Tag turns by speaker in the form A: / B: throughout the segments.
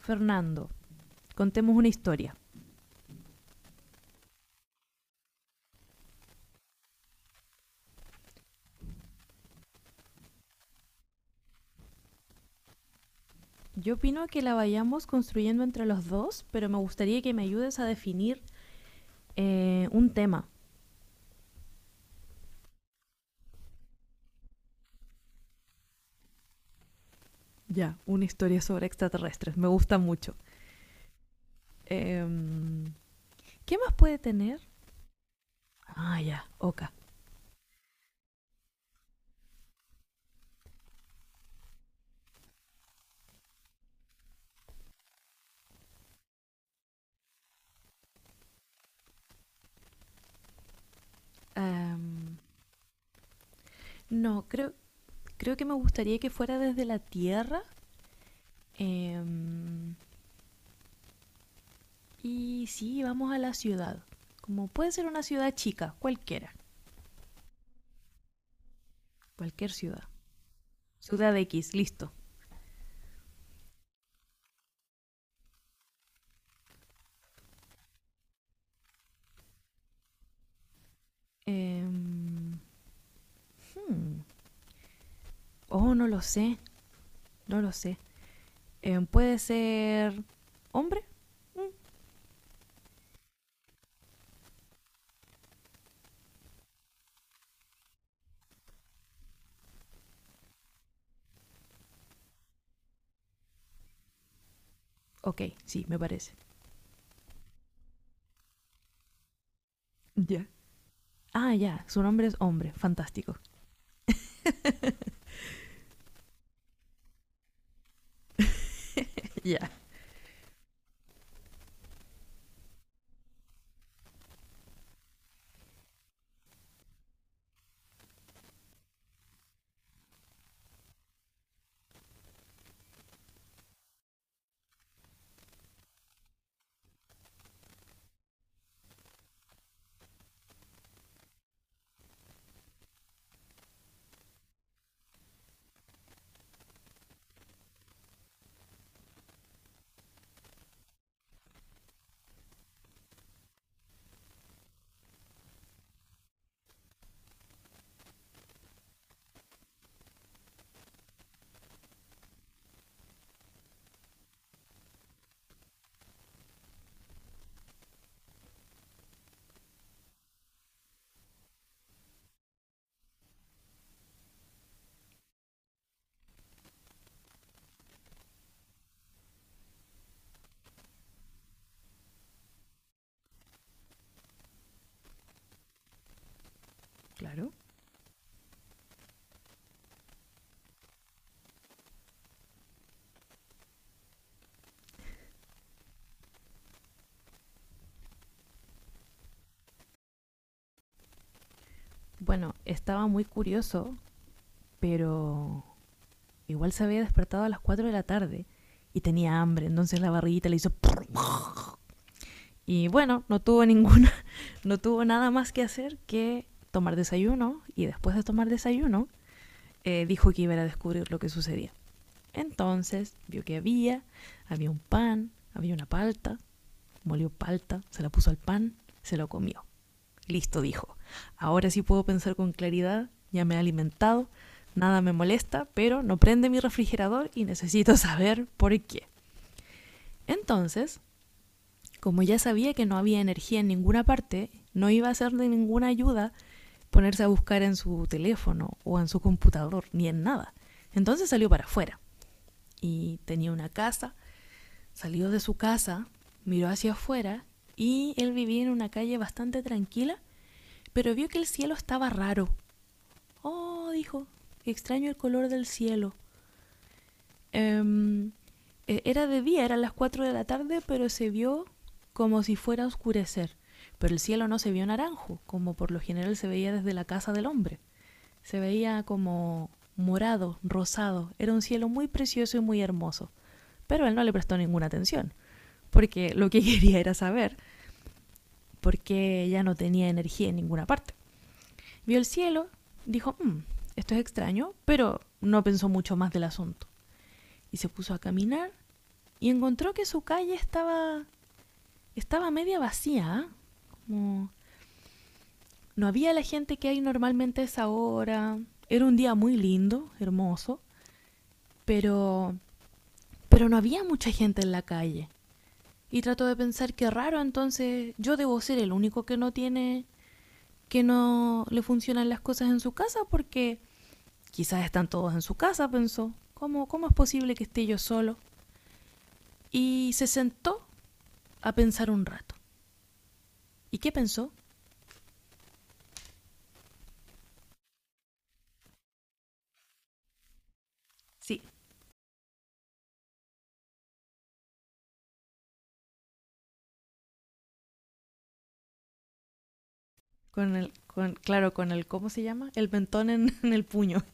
A: Fernando, contemos una historia. Yo opino que la vayamos construyendo entre los dos, pero me gustaría que me ayudes a definir un tema. Ya, una historia sobre extraterrestres. Me gusta mucho. Em, ¿Qué más puede tener? Ah, ya, Oka. Em, no, creo que me gustaría que fuera desde la Tierra. em, y sí, vamos a la ciudad. Como puede ser una ciudad chica, cualquiera. Cualquier ciudad. Ciudad X, listo. Em, Oh, no lo sé, no lo sé. ¿Puede ser hombre? Ok, sí, me parece. Ya, yeah. Ah, ya, yeah, su nombre es hombre, fantástico. Ya, yeah. Claro. Bueno, estaba muy curioso, pero igual se había despertado a las 4 de la tarde y tenía hambre, entonces la barriguita le hizo y bueno, no tuvo ninguna, no tuvo nada más que hacer que tomar desayuno y después de tomar desayuno dijo que iba a descubrir lo que sucedía. Entonces vio que había un pan, había una palta, molió palta, se la puso al pan, se lo comió. Listo, dijo. Ahora sí puedo pensar con claridad, ya me he alimentado, nada me molesta, pero no prende mi refrigerador y necesito saber por qué. Entonces, como ya sabía que no había energía en ninguna parte, no iba a ser de ninguna ayuda ponerse a buscar en su teléfono o en su computador, ni en nada. Entonces salió para afuera y tenía una casa, salió de su casa, miró hacia afuera y él vivía en una calle bastante tranquila, pero vio que el cielo estaba raro. Oh, dijo, extraño el color del cielo. Em, Era de día, eran las 4 de la tarde, pero se vio como si fuera a oscurecer. Pero el cielo no se vio naranjo, como por lo general se veía desde la casa del hombre. Se veía como morado, rosado. Era un cielo muy precioso y muy hermoso. Pero él no le prestó ninguna atención, porque lo que quería era saber por qué ya no tenía energía en ninguna parte. Vio el cielo, dijo, "Mm, esto es extraño", pero no pensó mucho más del asunto. Y se puso a caminar y encontró que su estaba media vacía, ¿eh? Como no había la gente que hay normalmente a esa hora. Era un día muy lindo, hermoso, pero, pero no había mucha gente en la calle. Y trató de pensar, qué raro, entonces yo debo ser el único que no que no le funcionan las cosas en su casa, porque quizás están todos en su casa, pensó. ¿Cómo, cómo es posible que esté yo solo? Y se sentó a pensar un rato. ¿Y qué pensó? Sí. Con el, con, claro, con el, ¿cómo se llama? El mentón en, en el puño.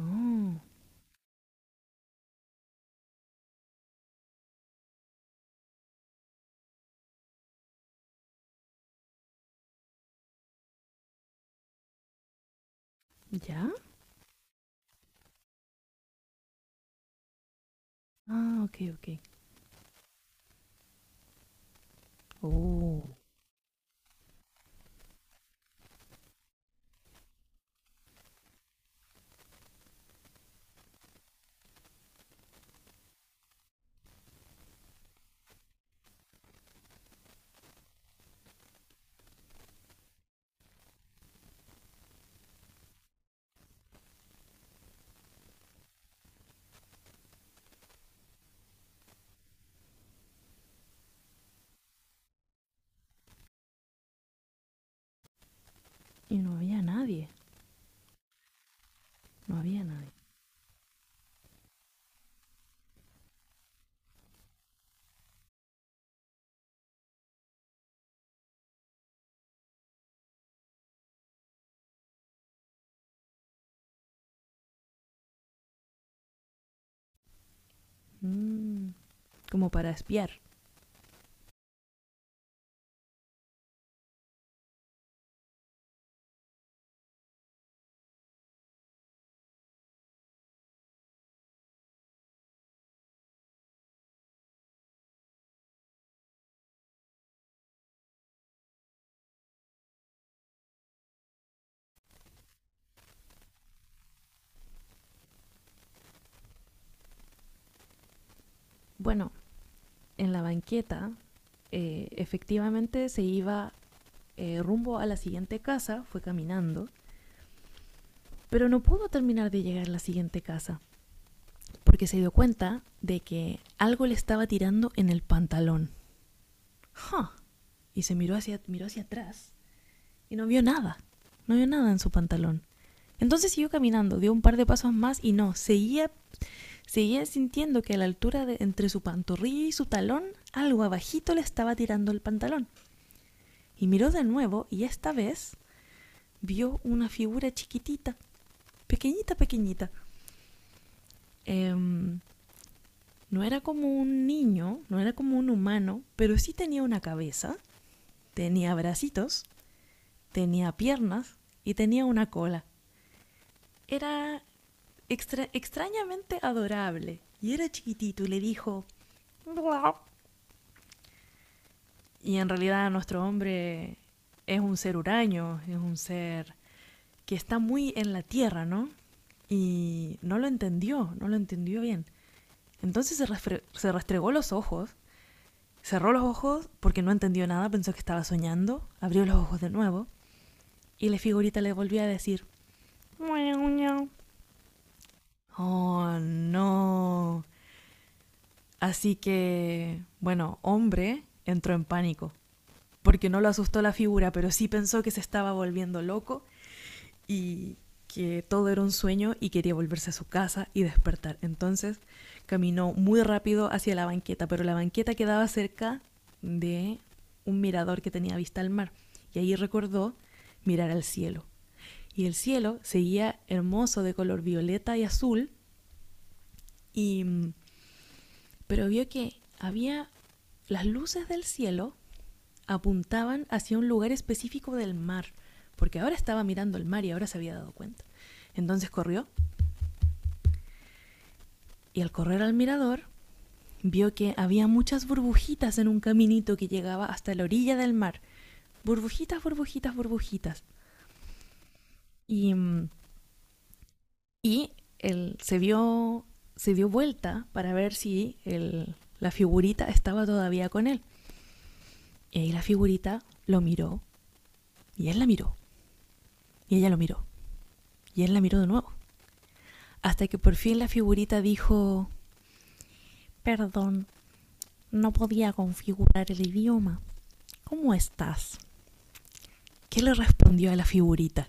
A: Oh, ¿ya? Ah, ok, ok. Oh, y no había nadie, no había nadie. Mm, como para espiar. Bueno, en la banqueta, efectivamente se iba rumbo a la siguiente casa, fue caminando, pero no pudo terminar de llegar a la siguiente casa, porque se dio cuenta de que algo le estaba tirando en el pantalón. ¡Ja! Huh. Y se miró hacia atrás y no vio nada. No vio nada en su pantalón. Entonces siguió caminando, dio un par de pasos más y no, seguía sintiendo que a la altura de entre su pantorrilla y su talón, algo abajito le estaba tirando el pantalón. Y miró de nuevo y esta vez vio una figura chiquitita, pequeñita, pequeñita. Em, no era como un niño, no era como un humano, pero sí tenía una cabeza, tenía bracitos, tenía piernas y tenía una cola. Era extrañamente adorable. Y era chiquitito y le dijo... Y en realidad nuestro hombre es un ser huraño, es un ser que está muy en la tierra, ¿no? Y no lo entendió, no lo entendió bien. Entonces se, Se restregó los ojos, cerró los ojos porque no entendió nada, pensó que estaba soñando, abrió los ojos de nuevo y la figurita le volvió a decir, oh, no. Así que, bueno, hombre entró en pánico, porque no lo asustó la figura, pero sí pensó que se estaba volviendo loco y que todo era un sueño y quería volverse a su casa y despertar. Entonces caminó muy rápido hacia la banqueta, pero la banqueta quedaba cerca de un mirador que tenía vista al mar. Y ahí recordó mirar al cielo. Y el cielo seguía hermoso de color violeta y azul y mm, pero vio que había las luces del cielo, apuntaban hacia un lugar específico del mar, porque ahora estaba mirando el mar y ahora se había dado cuenta. Entonces corrió y al correr al mirador vio que había muchas burbujitas en un caminito que llegaba hasta la orilla del mar. Burbujitas, burbujitas, burbujitas. Y, mm, y él se vio, se dio vuelta para ver si la figurita estaba todavía con él. Y ahí la figurita lo miró y él la miró y ella lo miró. Y él la miró de nuevo. Hasta que por fin la figurita dijo, perdón, no podía configurar el idioma. ¿Cómo estás? ¿Qué le respondió a la figurita?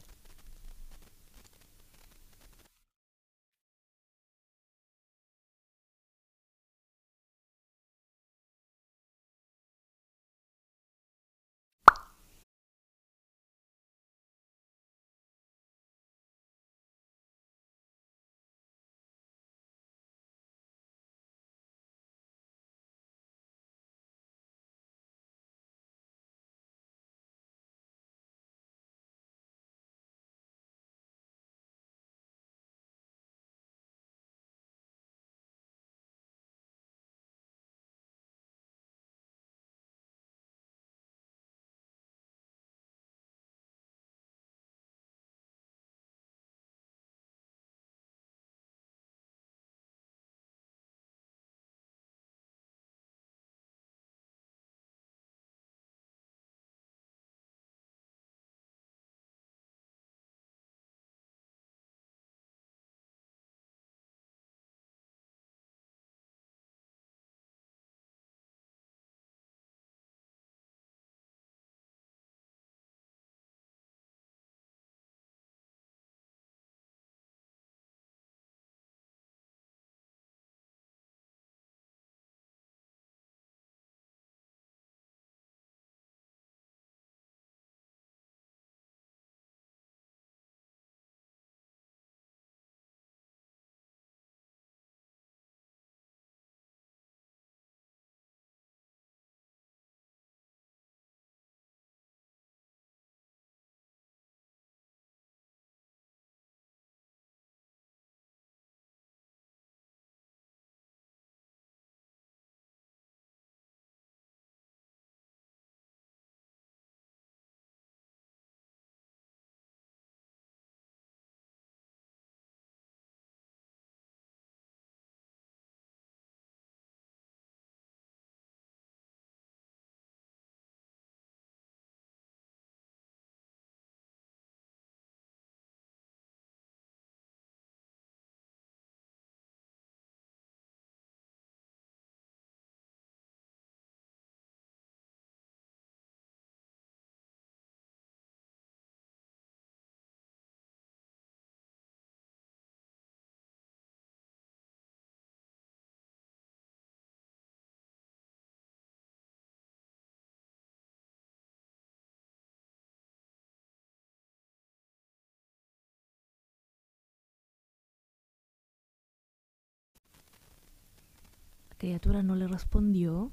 A: La criatura no le respondió.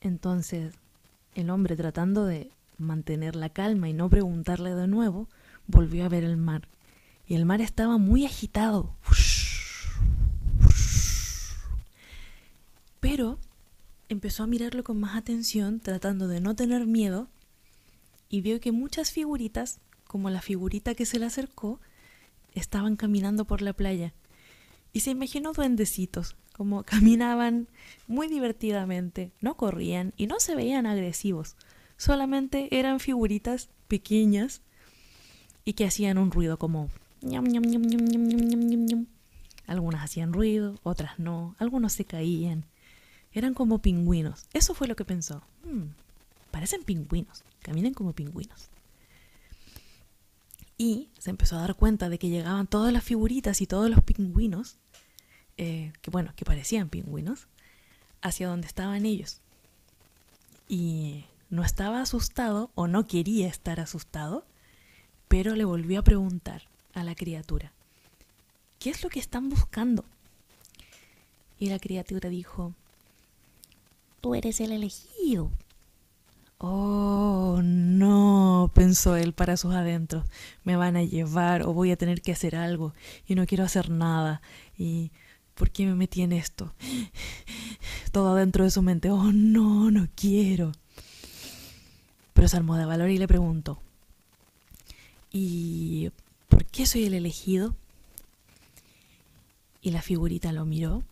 A: Entonces el hombre, tratando de mantener la calma y no preguntarle de nuevo, volvió a ver el mar. Y el mar estaba muy agitado. Pero empezó a mirarlo con más atención, tratando de no tener miedo, y vio que muchas figuritas, como la figurita que se le acercó, estaban caminando por la playa. Y se imaginó duendecitos, como caminaban muy divertidamente, no corrían y no se veían agresivos. Solamente eran figuritas pequeñas y que hacían un ruido como... Algunas hacían ruido, otras no, algunos se caían. Eran como pingüinos. Eso fue lo que pensó. "Mm, parecen pingüinos, caminan como pingüinos". Y se empezó a dar cuenta de que llegaban todas las figuritas y todos los pingüinos que bueno, que parecían pingüinos, hacia donde estaban ellos. Y no estaba asustado o no quería estar asustado, pero le volvió a preguntar a la criatura, ¿qué es lo que están buscando? Y la criatura dijo, tú eres el elegido. Oh, no, pensó él para sus adentros, me van a llevar o voy a tener que hacer algo y no quiero hacer nada. ¿Y por qué me metí en esto? Todo adentro de su mente, oh, no, no quiero. Pero es Almodovar y le preguntó, ¿y por qué soy el elegido? Y la figurita lo miró.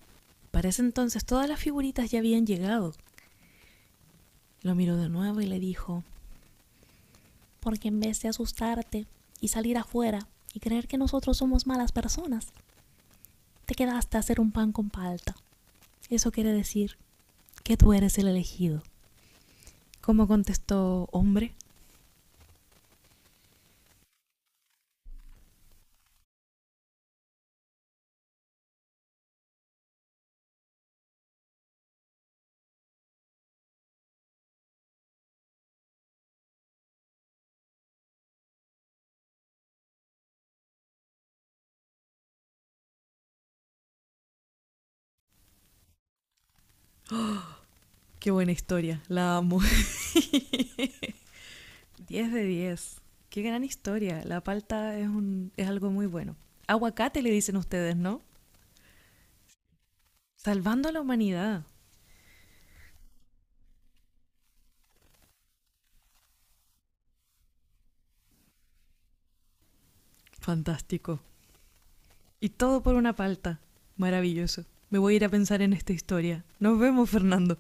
A: Para ese entonces todas las figuritas ya habían llegado. Lo miró de nuevo y le dijo, porque en vez de asustarte y salir afuera y creer que nosotros somos malas personas, te quedaste a hacer un pan con palta. Eso quiere decir que tú eres el elegido. ¿Cómo contestó hombre? Qué buena historia, la amo. 10 de 10. Qué gran historia. La palta es, un, es algo muy bueno. Aguacate le dicen ustedes, ¿no? Salvando a la humanidad. Fantástico. Y todo por una palta. Maravilloso. Me voy a ir a pensar en esta historia. Nos vemos, Fernando.